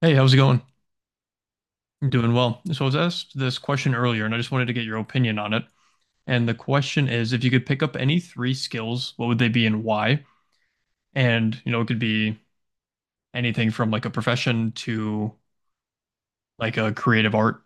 Hey, how's it going? I'm doing well. So I was asked this question earlier, and I just wanted to get your opinion on it. And the question is, if you could pick up any three skills, what would they be and why? And, you know, it could be anything from like a profession to like a creative art.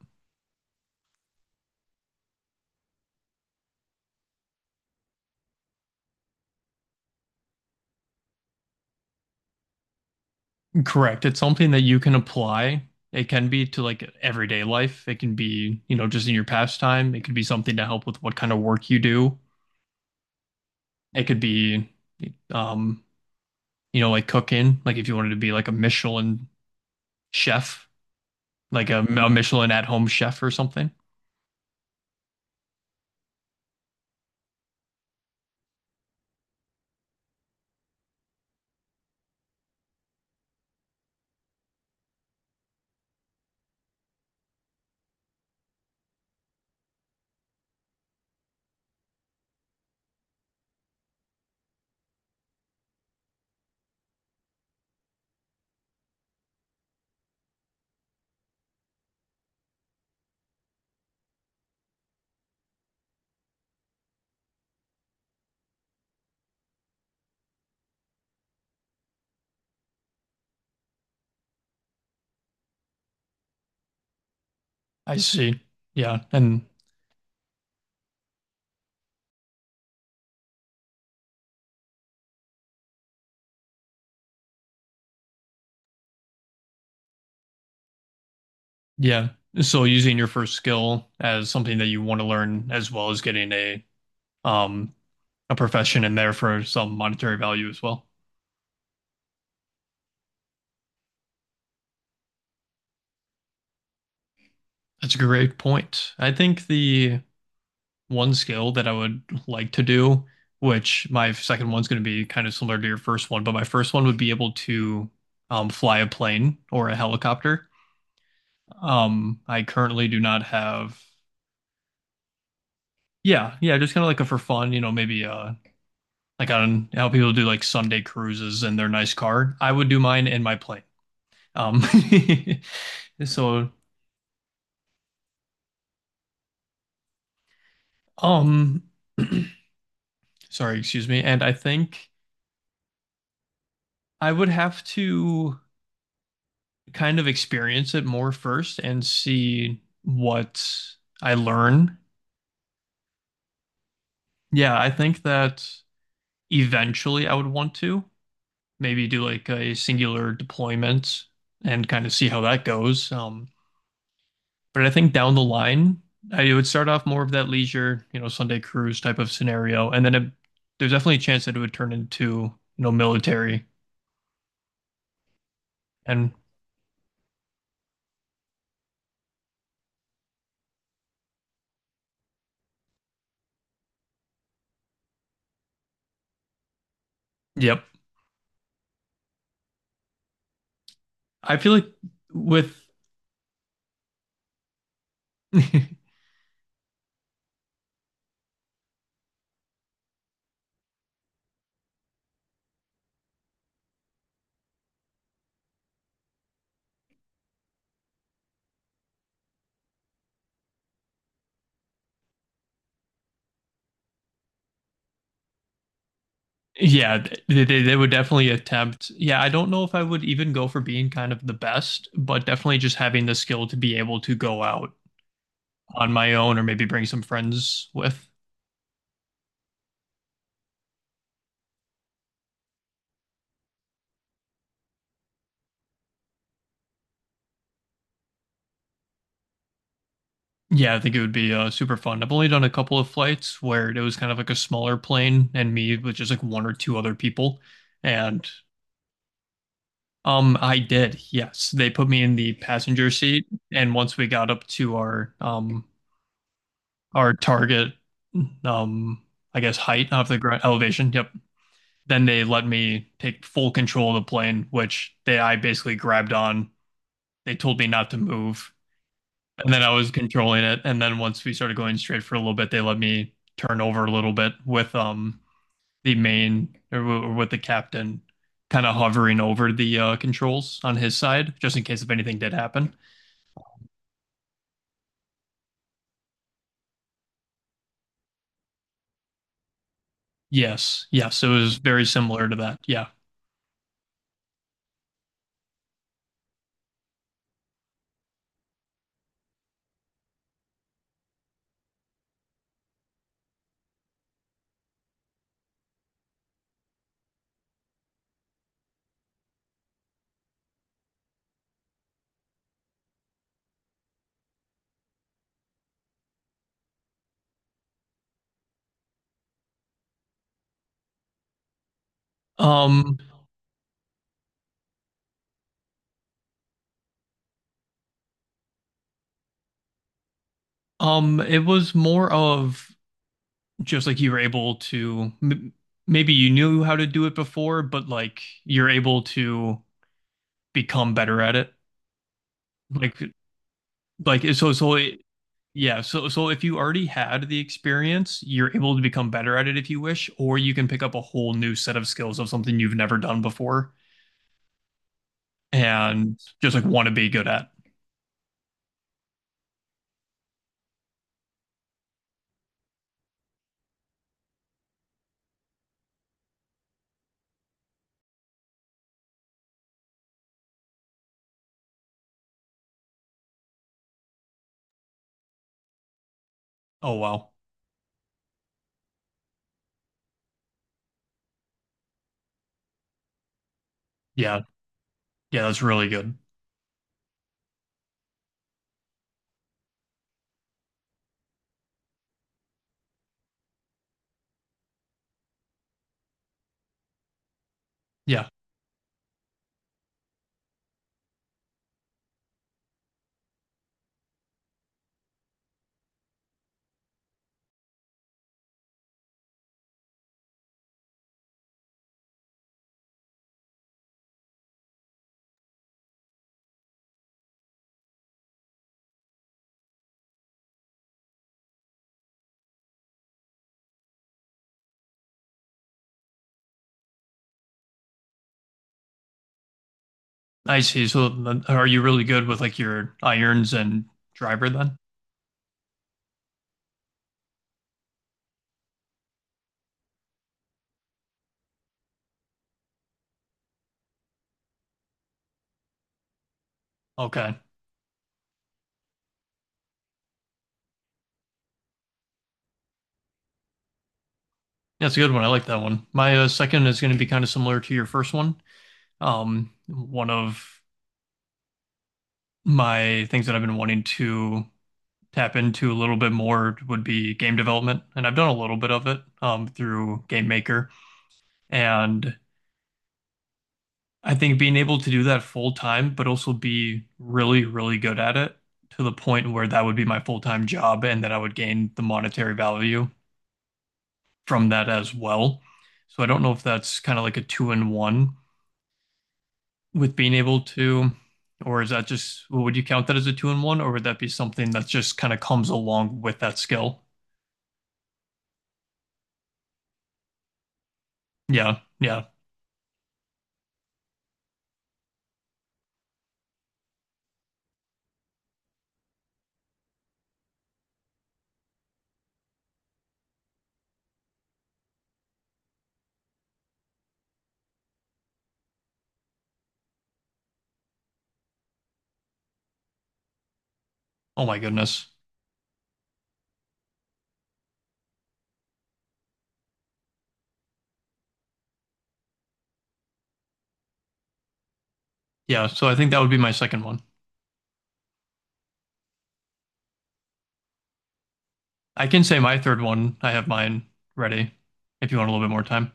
Correct. It's something that you can apply. It can be to like everyday life. It can be, you know, just in your pastime. It could be something to help with what kind of work you do. It could be, um, you know, like cooking, like if you wanted to be like a Michelin chef like a Michelin at home chef or something. I see. Yeah. And yeah. So using your first skill as something that you want to learn as well as getting um a profession in there for some monetary value as well. That's a great point. I think the one skill that I would like to do, which my second one's going to be kind of similar to your first one, but my first one would be able to fly a plane or a helicopter. I currently do not have. Yeah, yeah, just kind of like a for fun, you know, maybe like on how people do like Sunday cruises in their nice car. I would do mine in my plane. Um so um sorry, excuse me. And I think I would have to kind of experience it more first and see what I learn. Yeah, I think that eventually I would want to maybe do like a singular deployment and kind of see how that goes. But I think down the line, I would start off more of that leisure, you know, Sunday cruise type of scenario, and then there's definitely a chance that it would turn into, you know, military. And yep, I feel like with yeah, they would definitely attempt. Yeah, I don't know if I would even go for being kind of the best, but definitely just having the skill to be able to go out on my own or maybe bring some friends with. Yeah, I think it would be super fun. I've only done a couple of flights where it was kind of like a smaller plane and me with just like one or two other people. And I did. Yes, they put me in the passenger seat and once we got up to our target um I guess height of the ground elevation, yep. Then they let me take full control of the plane, which they I basically grabbed on. They told me not to move. And then I was controlling it. And then once we started going straight for a little bit, they let me turn over a little bit with the main or, w- or with the captain kind of hovering over the controls on his side, just in case if anything did happen. Yes, yes, it was very similar to that. Yeah. Um, it was more of just like you were able to maybe you knew how to do it before, but like you're able to become better at it. Like so yeah, so so if you already had the experience, you're able to become better at it if you wish, or you can pick up a whole new set of skills of something you've never done before and just like want to be good at. Oh wow. Yeah. Yeah, that's really good. Yeah. I see. So then are you really good with like your irons and driver then? Okay. That's a good one. I like that one. My second is going to be kind of similar to your first one. One of my things that I've been wanting to tap into a little bit more would be game development. And I've done a little bit of it through Game Maker. And I think being able to do that full time, but also be really, really good at it to the point where that would be my full time job and that I would gain the monetary value from that as well. So I don't know if that's kind of like a two in one with being able to, or is that just, well, would you count that as a two in one, or would that be something that just kind of comes along with that skill? Yeah, yeah. Oh my goodness. Yeah, so I think that would be my second one. I can say my third one. I have mine ready if you want a little bit more time.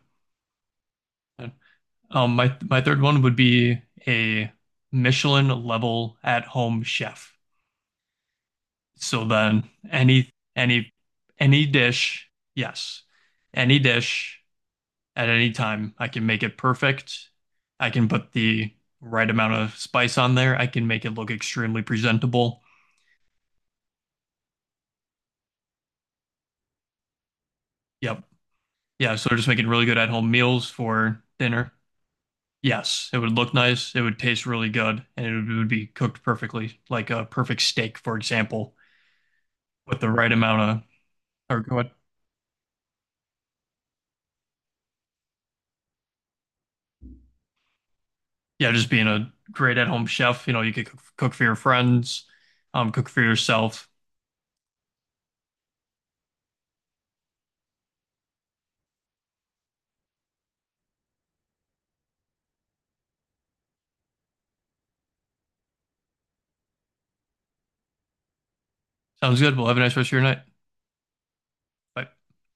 My third one would be a Michelin level at-home chef. So then any any any dish, yes. Any dish at any time, I can make it perfect. I can put the right amount of spice on there. I can make it look extremely presentable. Yep. Yeah, so just making really good at-home meals for dinner. Yes, it would look nice, it would taste really good, and it would be cooked perfectly, like a perfect steak, for example, with the right amount of, or what? Yeah, just being a great at-home chef, you know, you could cook, cook for your friends, cook for yourself. Sounds good. Well, have a nice rest of your night. Bye.